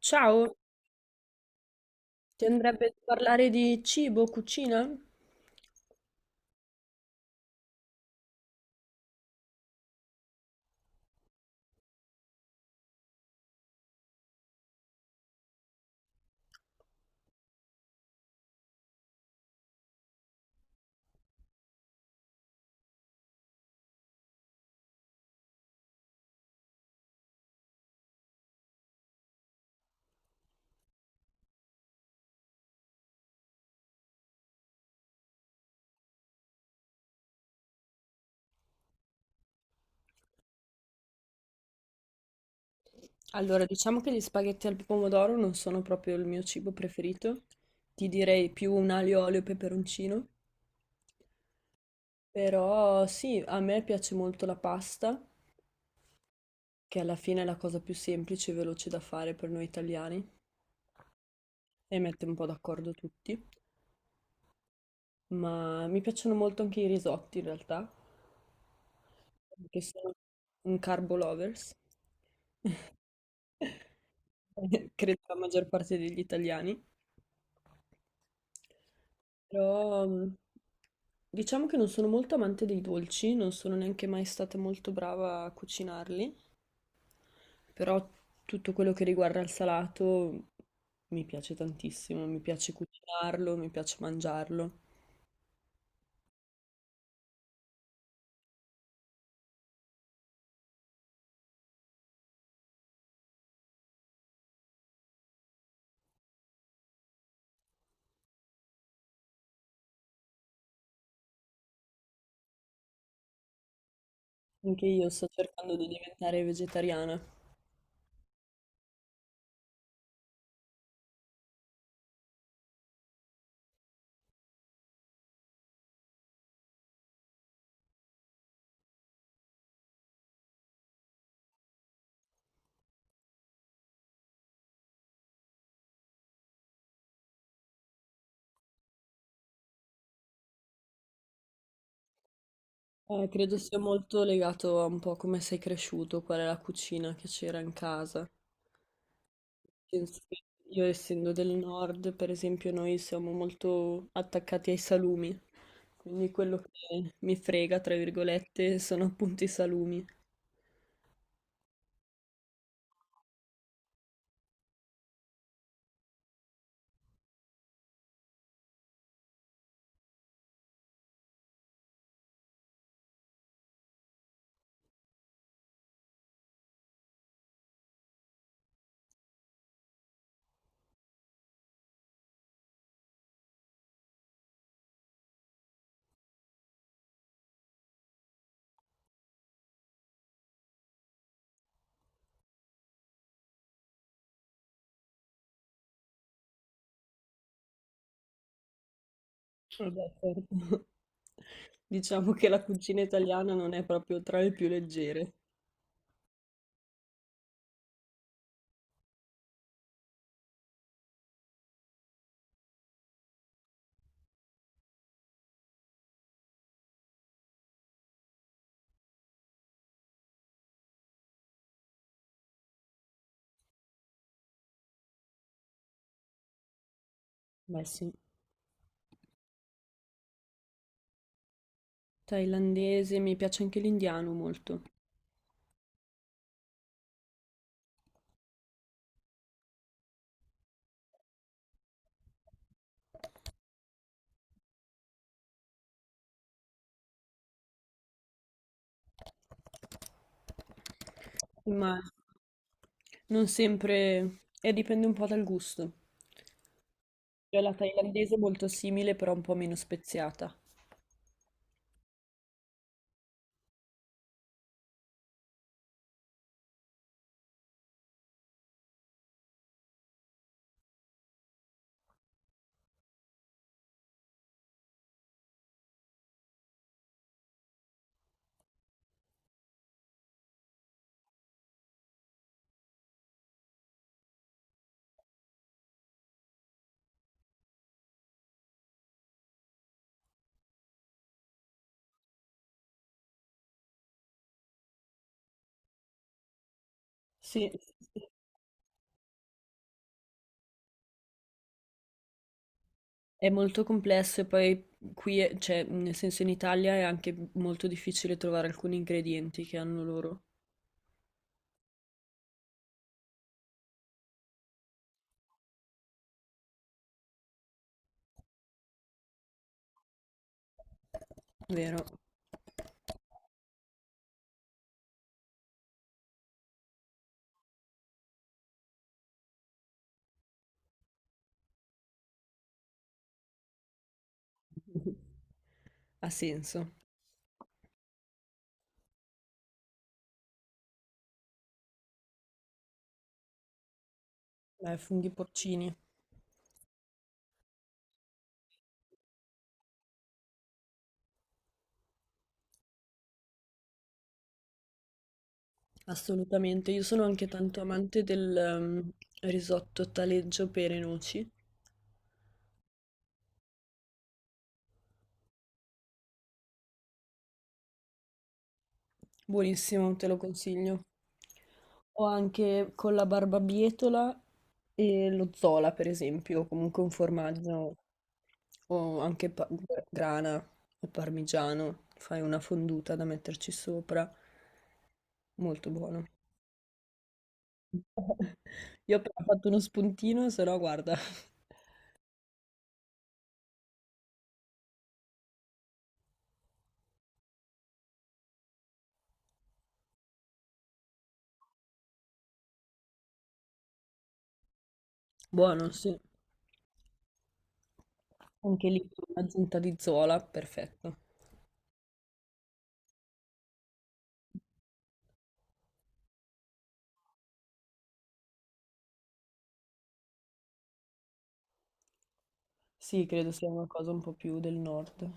Ciao, ti andrebbe di parlare di cibo, cucina? Allora, diciamo che gli spaghetti al pomodoro non sono proprio il mio cibo preferito. Ti direi più un aglio, olio e peperoncino. Però sì, a me piace molto la pasta, che alla fine è la cosa più semplice e veloce da fare per noi italiani e mette un po' d'accordo tutti. Ma mi piacciono molto anche i risotti in realtà, perché sono un carbo lovers. Credo la maggior parte degli italiani. Però Diciamo che non sono molto amante dei dolci, non sono neanche mai stata molto brava a cucinarli, però tutto quello che riguarda il salato mi piace tantissimo, mi piace cucinarlo, mi piace mangiarlo. Anche io sto cercando di diventare vegetariana. Credo sia molto legato a un po' come sei cresciuto, qual è la cucina che c'era in casa. Penso che io, essendo del nord, per esempio, noi siamo molto attaccati ai salumi, quindi quello che mi frega, tra virgolette, sono appunto i salumi. Vabbè, certo. Diciamo che la cucina italiana non è proprio tra le più leggere. Beh, sì. Thailandese, mi piace anche l'indiano molto, ma non sempre, e dipende un po' dal gusto. Cioè la thailandese è molto simile, però un po' meno speziata. Sì, sì, sì. È molto complesso e poi qui, è- cioè, nel senso in Italia è anche molto difficile trovare alcuni ingredienti che hanno loro, vero? Ha senso. Beh, funghi porcini, assolutamente. Io sono anche tanto amante del risotto taleggio pere e noci. Buonissimo, te lo consiglio. Ho anche con la barbabietola e lo zola, per esempio, o comunque un formaggio o anche pa- grana o parmigiano, fai una fonduta da metterci sopra, molto buono. Io ho appena fatto uno spuntino, se no guarda, buono, sì. Anche lì con un'aggiunta di zola, perfetto. Sì, credo sia una cosa un po' più del nord.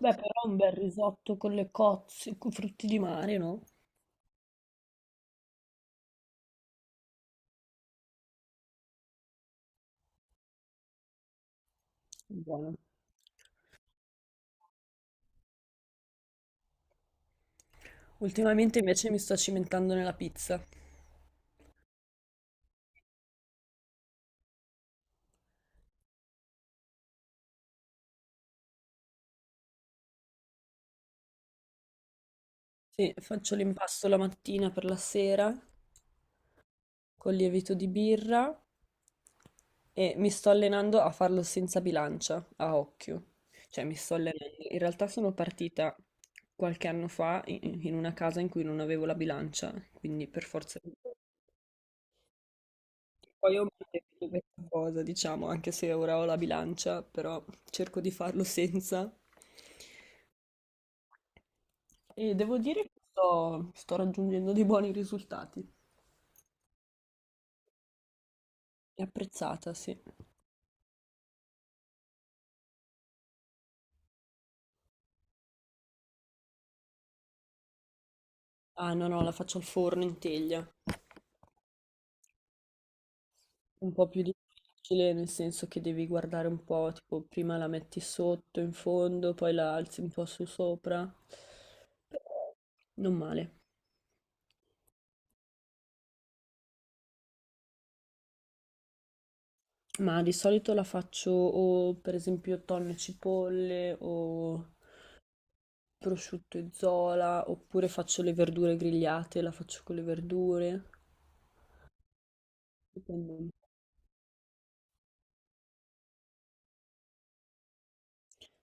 Beh, però un bel risotto con le cozze, con frutti di mare, no? Buono. Ultimamente invece mi sto cimentando nella pizza. Sì, faccio l'impasto la mattina per la sera con lievito di birra e mi sto allenando a farlo senza bilancia, a occhio. Cioè mi sto allenando. In realtà sono partita qualche anno fa in una casa in cui non avevo la bilancia, quindi per forza... di- cose. Poi ho mantenuto questa cosa, diciamo, anche se ora ho la bilancia, però cerco di farlo senza. E devo dire che sto raggiungendo dei buoni risultati. È apprezzata, sì. Ah, no, no, la faccio al forno in teglia. Un po' più difficile, nel senso che devi guardare un po', tipo, prima la metti sotto, in fondo, poi la alzi un po' su sopra. Però non male. Ma di solito la faccio o per esempio tonno e cipolle o prosciutto e zola, oppure faccio le verdure grigliate, la faccio con le verdure. Dipende.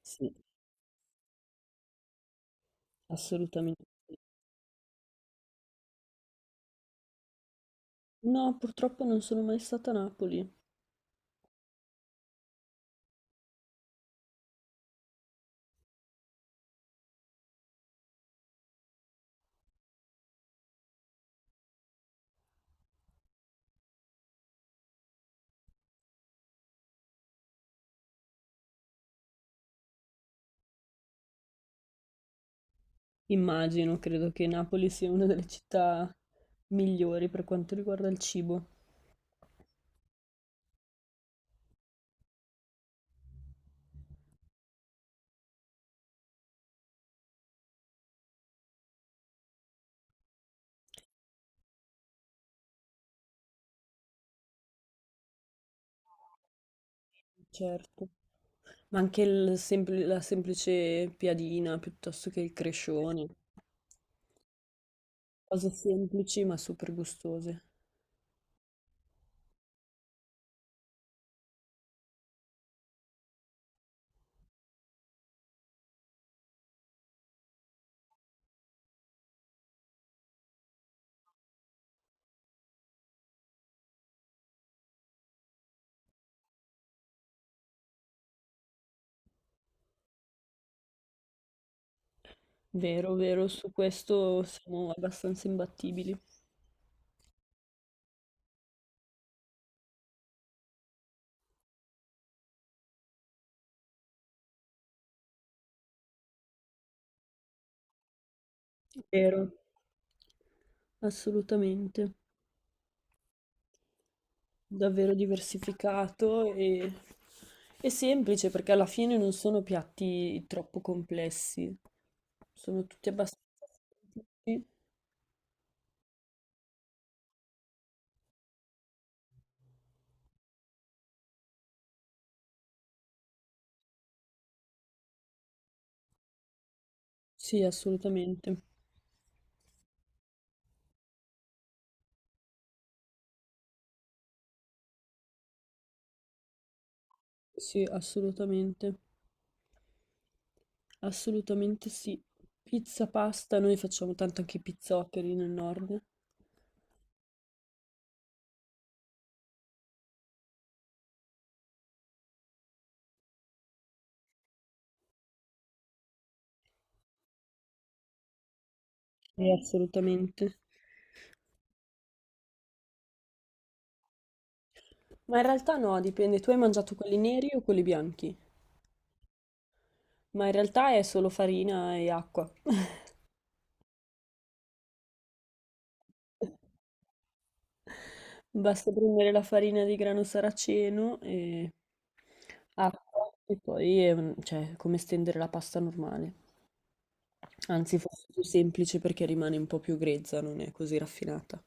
Sì, assolutamente. Sì. No, purtroppo non sono mai stata a Napoli. Immagino, credo che Napoli sia una delle città migliori per quanto riguarda il cibo, certo. Ma anche il sempl- la semplice piadina piuttosto che il crescione, cose semplici ma super gustose. Vero, vero, su questo siamo abbastanza imbattibili. Vero, assolutamente. Davvero diversificato e semplice perché alla fine non sono piatti troppo complessi, sono tutti abbastanza semplici. Sì, assolutamente. Sì, assolutamente. Assolutamente sì. Pizza, pasta, noi facciamo tanto anche i pizzoccheri nel nord. Sì, assolutamente. Ma in realtà no, dipende, tu hai mangiato quelli neri o quelli bianchi? Ma in realtà è solo farina e acqua. Basta prendere la farina di grano saraceno e acqua e poi è un- cioè, come stendere la pasta normale. Anzi, forse è più semplice perché rimane un po' più grezza, non è così raffinata.